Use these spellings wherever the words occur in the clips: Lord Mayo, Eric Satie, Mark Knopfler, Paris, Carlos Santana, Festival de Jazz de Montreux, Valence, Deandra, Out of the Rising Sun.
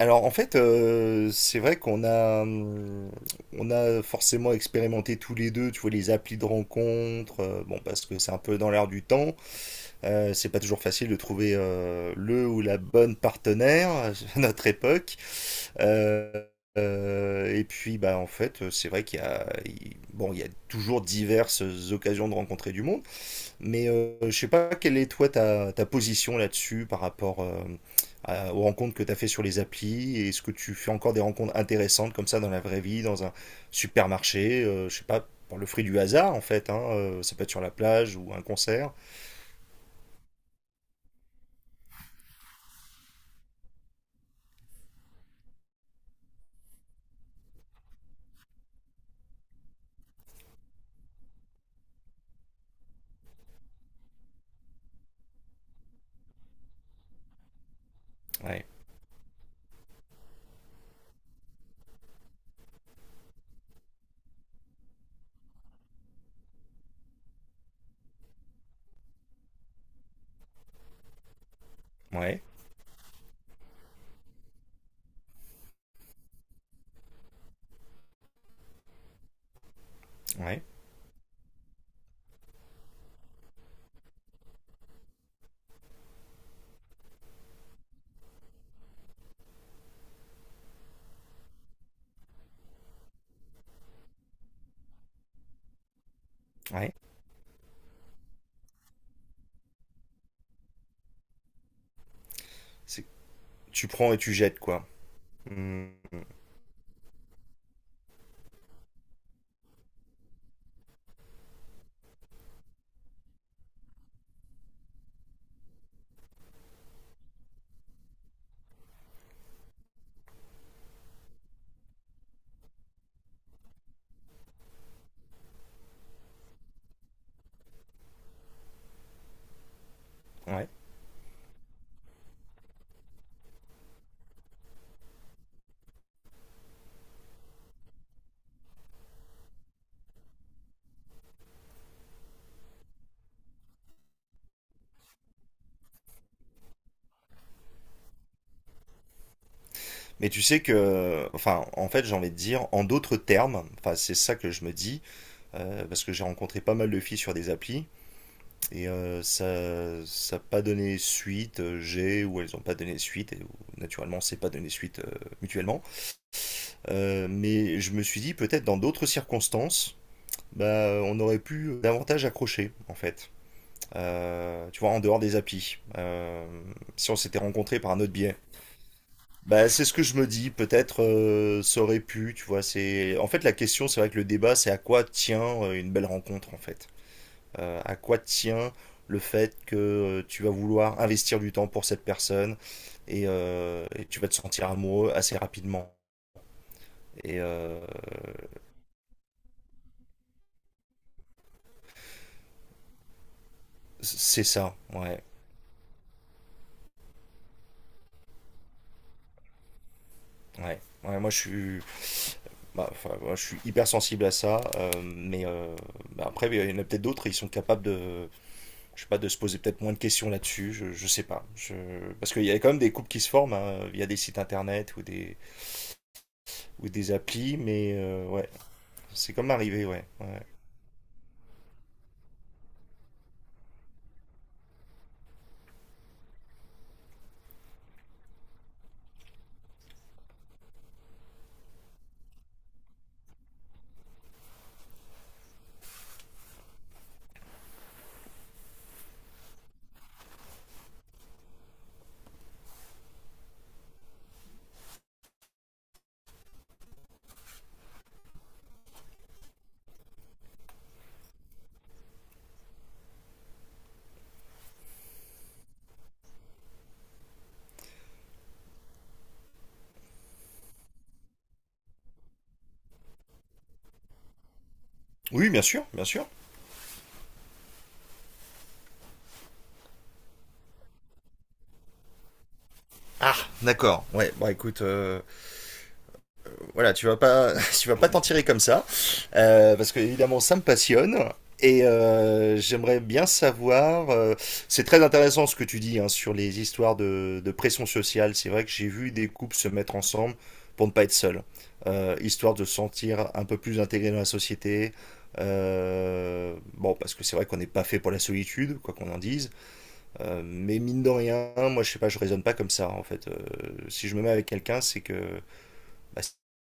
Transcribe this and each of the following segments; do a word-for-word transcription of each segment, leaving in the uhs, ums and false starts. Alors en fait, euh, c'est vrai qu'on a, hum, on a forcément expérimenté tous les deux, tu vois, les applis de rencontres, euh, bon, parce que c'est un peu dans l'air du temps, euh, c'est pas toujours facile de trouver euh, le ou la bonne partenaire à notre époque. Euh, euh, et puis, bah, en fait, c'est vrai qu'il y a, il- bon, il y a toujours diverses occasions de rencontrer du monde. Mais euh, je sais pas quelle est toi ta, ta position là-dessus par rapport euh, à- aux rencontres que tu as fait sur les applis. Est-ce que tu fais encore des rencontres intéressantes comme ça dans la vraie vie, dans un supermarché, euh, je sais pas, par le fruit du hasard en fait, hein, euh, ça peut être sur la plage ou un concert. Ouais, ouais, ouais, ouais. C'est- Tu prends et tu jettes quoi. Hmm, ouais. Mais tu sais que, enfin, en fait, j'ai envie de dire, en d'autres termes, enfin, c'est ça que je me dis, euh, parce que j'ai rencontré pas mal de filles sur des applis. Et euh, ça n'a pas donné suite, euh, j'ai, ou elles n'ont pas donné suite, et naturellement c'est pas donné suite euh, mutuellement. Euh, mais je me suis dit peut-être dans d'autres circonstances, bah, on aurait pu davantage accrocher en fait. Euh, tu vois, en dehors des applis. Euh, si on s'était rencontrés par un autre biais. Bah, c'est ce que je me dis, peut-être euh, ça aurait pu, tu vois, c'est... En fait la question, c'est vrai que le débat, c'est à quoi tient euh, une belle rencontre en fait, euh, à quoi tient le fait que euh, tu vas vouloir investir du temps pour cette personne et, euh, et tu vas te sentir amoureux assez rapidement. Et euh, c'est ça, ouais, ouais. Ouais, moi je suis, bah, enfin, moi, je suis hyper sensible à ça, euh, mais euh, bah, après il y en a peut-être d'autres, ils sont capables de, je sais pas, de se poser peut-être moins de questions là-dessus, je, je sais pas, je... parce qu'il y a quand même des couples qui se forment hein, via des sites internet ou des ou des applis, mais euh, ouais, c'est comme arrivé, ouais, ouais. Oui, bien sûr, bien sûr. Ah, d'accord. Ouais, bon écoute, euh, voilà, tu vas pas, tu vas pas t'en tirer comme ça, euh, parce que évidemment ça me passionne. Et euh, j'aimerais bien savoir, euh, c'est très intéressant ce que tu dis hein, sur les histoires de, de pression sociale. C'est vrai que j'ai vu des couples se mettre ensemble pour ne pas être seuls, euh, histoire de se sentir un peu plus intégré dans la société. Euh, bon, parce que c'est vrai qu'on n'est pas fait pour la solitude, quoi qu'on en dise. Euh, mais mine de rien, moi je sais pas, je raisonne pas comme ça en fait. Euh, si je me mets avec quelqu'un, c'est que bah,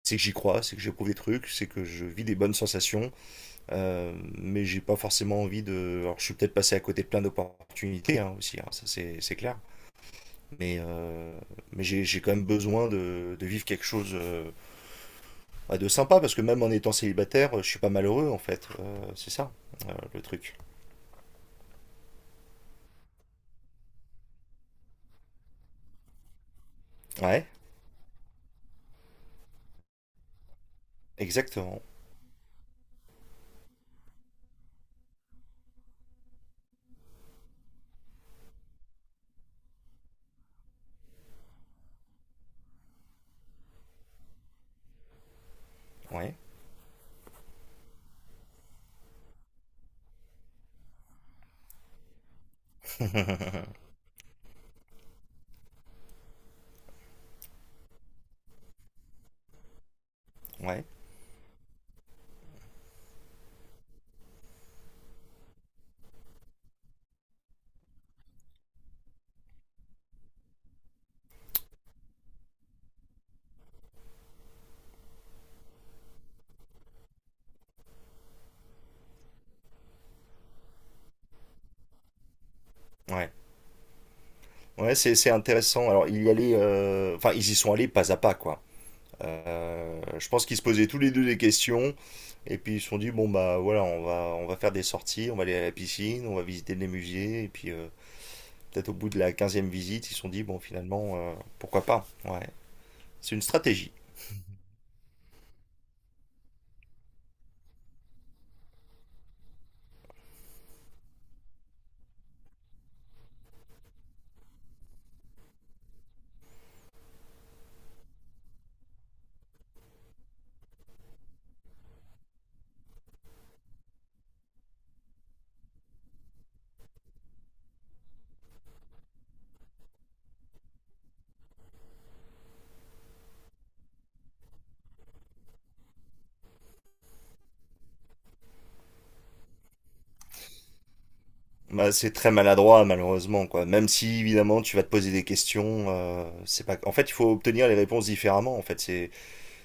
c'est que j'y crois, c'est que j'éprouve des trucs, c'est que je vis des bonnes sensations, euh, mais j'ai pas forcément envie de. Alors je suis peut-être passé à côté de plein d'opportunités hein, aussi, hein, ça c'est c'est clair. Mais euh, mais j'ai j'ai quand même besoin de, de vivre quelque chose euh, bah, de sympa parce que même en étant célibataire, je suis pas malheureux en fait. Euh, c'est ça euh, le truc. Ouais, exactement. Ouais, ouais, ouais. Ouais, c'est c'est intéressant. Alors, il y allait, euh, enfin, ils y sont allés pas à pas, quoi. Euh, je pense qu'ils se posaient tous les deux des questions, et puis ils se sont dit, bon, bah voilà, on va, on va faire des sorties, on va aller à la piscine, on va visiter les musées, et puis euh, peut-être au bout de la quinzième visite, ils se sont dit, bon, finalement, euh, pourquoi pas? Ouais, c'est une stratégie. Bah, c'est très maladroit, malheureusement, quoi. Même si, évidemment, tu vas te poser des questions, euh, c'est pas... En fait, il faut obtenir les réponses différemment, en fait. C'est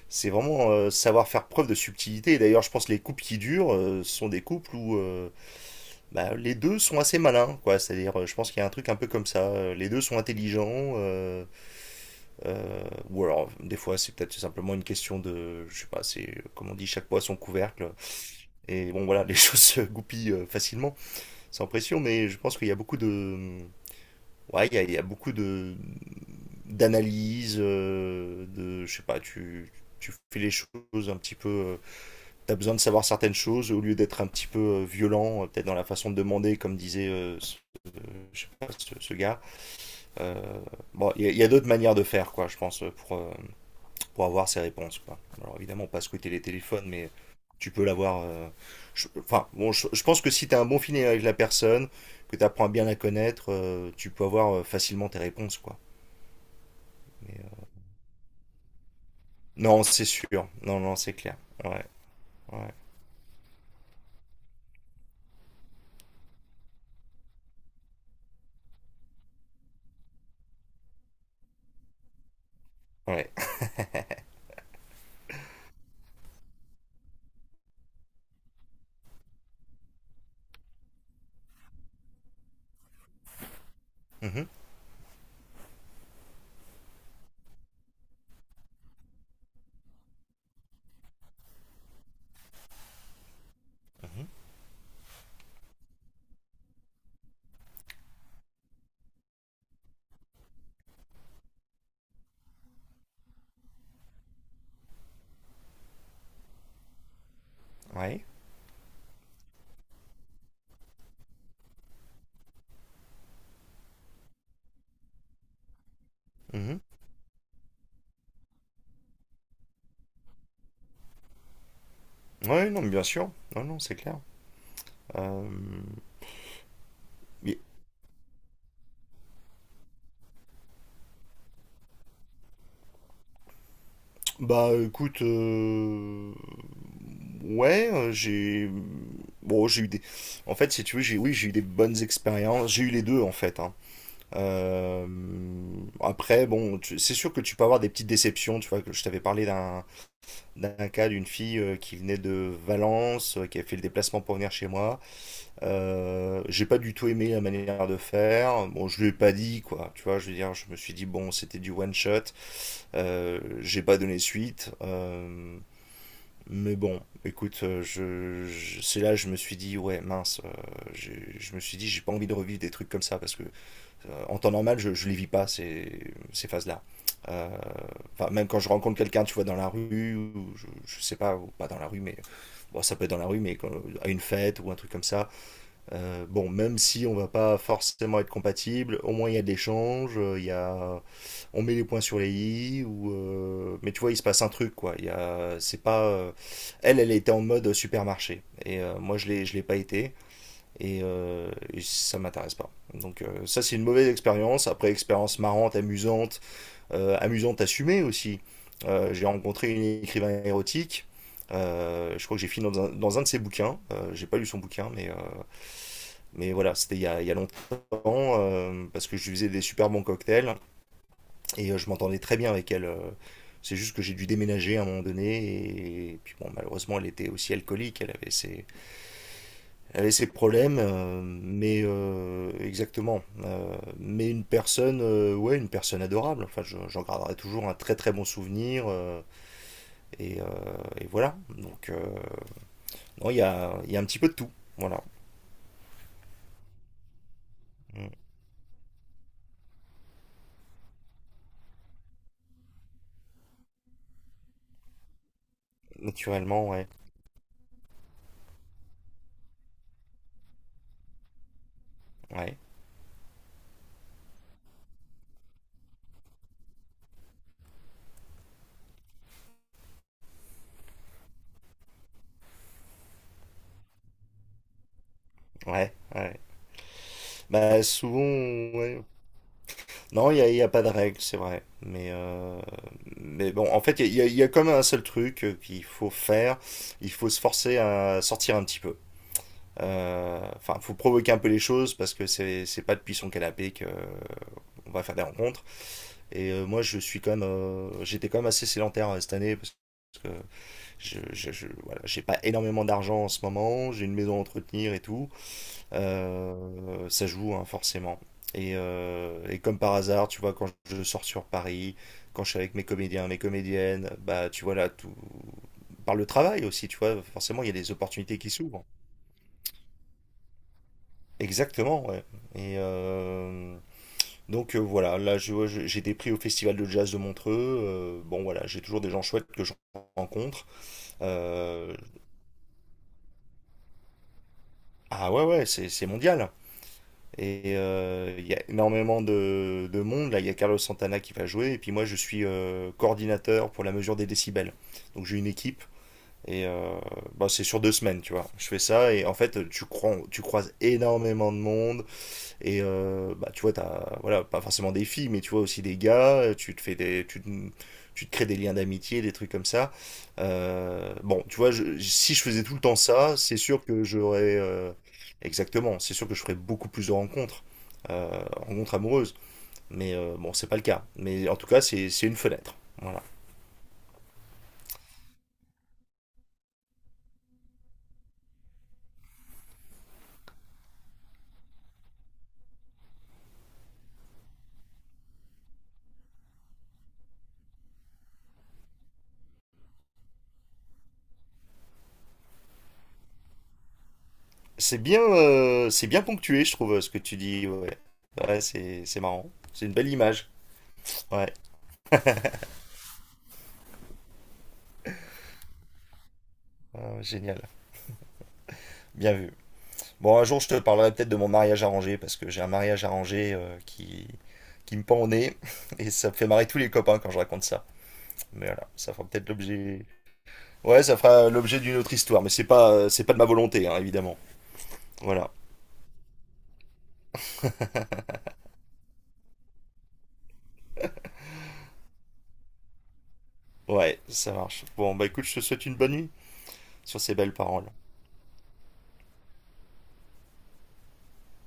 C'est vraiment euh, savoir faire preuve de subtilité. Et d'ailleurs, je pense que les couples qui durent euh, sont des couples où euh, bah, les deux sont assez malins, quoi. C'est-à-dire, euh, je pense qu'il y a un truc un peu comme ça. Euh, Les deux sont intelligents, euh, euh, ou alors des fois c'est peut-être simplement une question de, je sais pas, c'est euh, comme on dit, chaque poids son couvercle. Et bon, voilà, les choses se goupillent euh, facilement, sans pression. Mais je pense qu'il y a beaucoup de, ouais, il y a, il y a beaucoup de d'analyse, euh, de, je sais pas, tu tu fais les choses un petit peu. Euh, t'as besoin de savoir certaines choses au lieu d'être un petit peu euh, violent, euh, peut-être dans la façon de demander, comme disait euh, ce, euh, je sais pas, ce, ce gars. Euh, bon, il y a- y a d'autres manières de faire, quoi, je pense, pour, euh, pour avoir ces réponses, quoi. Alors évidemment, pas squatter les téléphones, mais tu peux l'avoir. euh, je- Enfin, bon, je, je pense que si t'as un bon feeling avec la personne, que t'apprends à bien la connaître, euh, tu peux avoir euh, facilement tes réponses, quoi. Mais, euh, non, c'est sûr. Non, non, c'est clair. Ouais, ouais, ouais. Mhm, mhm, ouais. Mhm. Ouais, non, mais bien sûr. Non, non, c'est clair. Euh, mais- Bah, écoute, euh, ouais, euh, j'ai, bon, j'ai eu des, en fait, si tu veux, j'ai, oui, j'ai eu des bonnes expériences. J'ai eu les deux, en fait. Hein. Euh, Après, bon, tu- c'est sûr que tu peux avoir des petites déceptions. Tu vois, que je t'avais parlé d'un d'un cas d'une fille euh, qui venait de Valence, euh, qui a fait le déplacement pour venir chez moi. Euh, j'ai pas du tout aimé la manière de faire. Bon, je lui ai pas dit, quoi. Tu vois, je veux dire, je me suis dit, bon, c'était du one shot. Euh, j'ai pas donné suite. Euh, mais bon, écoute, euh, je, je- c'est là que je me suis dit, ouais, mince, euh, j'ai- je me suis dit, j'ai pas envie de revivre des trucs comme ça parce que euh, en temps normal, je, je les vis pas ces, ces phases-là. Euh, Enfin, même quand je rencontre quelqu'un, tu vois, dans la rue, ou je, je sais pas, ou pas dans la rue, mais bon, ça peut être dans la rue, mais quand- à une fête ou un truc comme ça. Euh, bon, même si on va pas forcément être compatible, au moins il y a de l'échange, euh, il y a, on met les points sur les i ou euh, mais tu vois, il se passe un truc, quoi. Il y a, c'est pas euh, elle elle était en mode supermarché, et euh, moi je l'ai je l'ai pas été, et, euh, et ça m'intéresse pas. Donc euh, ça c'est une mauvaise expérience. Après, expérience marrante, amusante, euh, amusante assumée aussi. Euh, j'ai rencontré une écrivain érotique. Euh, je crois que j'ai fini dans un, dans un de ses bouquins. Euh, j'ai pas lu son bouquin, mais, euh, mais voilà, c'était il y a, il y a longtemps euh, parce que je lui faisais des super bons cocktails et euh, je m'entendais très bien avec elle. euh, C'est juste que j'ai dû déménager à un moment donné et puis, bon, malheureusement elle était aussi alcoolique, elle avait ses, elle avait ses problèmes, euh, mais euh, exactement. Euh, mais une personne, euh, ouais, une personne adorable. Enfin, je- j'en garderai toujours un très très bon souvenir, euh, et, euh, et voilà. Donc euh, non, il y a, il y a un petit peu de tout, voilà. Mm. Naturellement, ouais, ouais, ouais, ouais. Bah souvent, ouais, non, il n'y a, il y a pas de règle, c'est vrai. Mais, euh, mais bon, en fait, il y a, il y a- comme un seul truc euh, qu'il faut faire. Il faut se forcer à sortir un petit peu. Euh, Enfin, il faut provoquer un peu les choses parce que c'est c'est pas depuis son canapé que euh, on va faire des rencontres. Et euh, moi, je suis quand même, euh, j'étais quand même assez sédentaire euh, cette année parce que je, je, je- voilà, j'ai pas énormément d'argent en ce moment. J'ai une maison à entretenir et tout. Euh, ça joue, hein, forcément. Et, euh, et comme par hasard, tu vois, quand je sors sur Paris, quand je suis avec mes comédiens, mes comédiennes, bah tu vois là, tout... par le travail aussi, tu vois, forcément, il y a des opportunités qui s'ouvrent. Exactement, ouais. Et euh, donc euh, voilà, là, je vois, je- j'ai des prix au Festival de Jazz de Montreux. Euh, bon, voilà, j'ai toujours des gens chouettes que je rencontre. Euh, ah ouais, ouais, c'est c'est mondial. Et euh, il y a énormément de, de monde. Là, il y a Carlos Santana qui va jouer. Et puis moi, je suis euh, coordinateur pour la mesure des décibels. Donc j'ai une équipe. Et euh, bah, c'est sur deux semaines, tu vois. Je fais ça et en fait, tu, crois, tu croises énormément de monde. Et euh, bah, tu vois, t'as, voilà, pas forcément des filles, mais tu vois aussi des gars, tu te fais des, tu, te- tu te crées des liens d'amitié, des trucs comme ça. Euh, bon, tu vois, je- si je faisais tout le temps ça, c'est sûr que j'aurais, euh, exactement, c'est sûr que je ferais beaucoup plus de rencontres, euh, rencontres amoureuses. Mais euh, bon, c'est pas le cas. Mais en tout cas, c'est, c'est une fenêtre. Voilà. C'est bien, euh, c'est bien ponctué, je trouve, ce que tu dis. Ouais, ouais, c'est, c'est marrant. C'est une belle image. Ouais, ah, génial. Bien vu. Bon, un jour, je te parlerai peut-être de mon mariage arrangé, parce que j'ai un mariage arrangé euh, qui, qui me pend au nez, et ça me fait marrer tous les copains quand je raconte ça. Mais voilà, ça fera peut-être l'objet. Ouais, ça fera l'objet d'une autre histoire, mais c'est pas, euh, c'est pas de ma volonté, hein, évidemment. Voilà, ouais, ça marche. Bon, bah écoute, je te souhaite une bonne nuit sur ces belles paroles.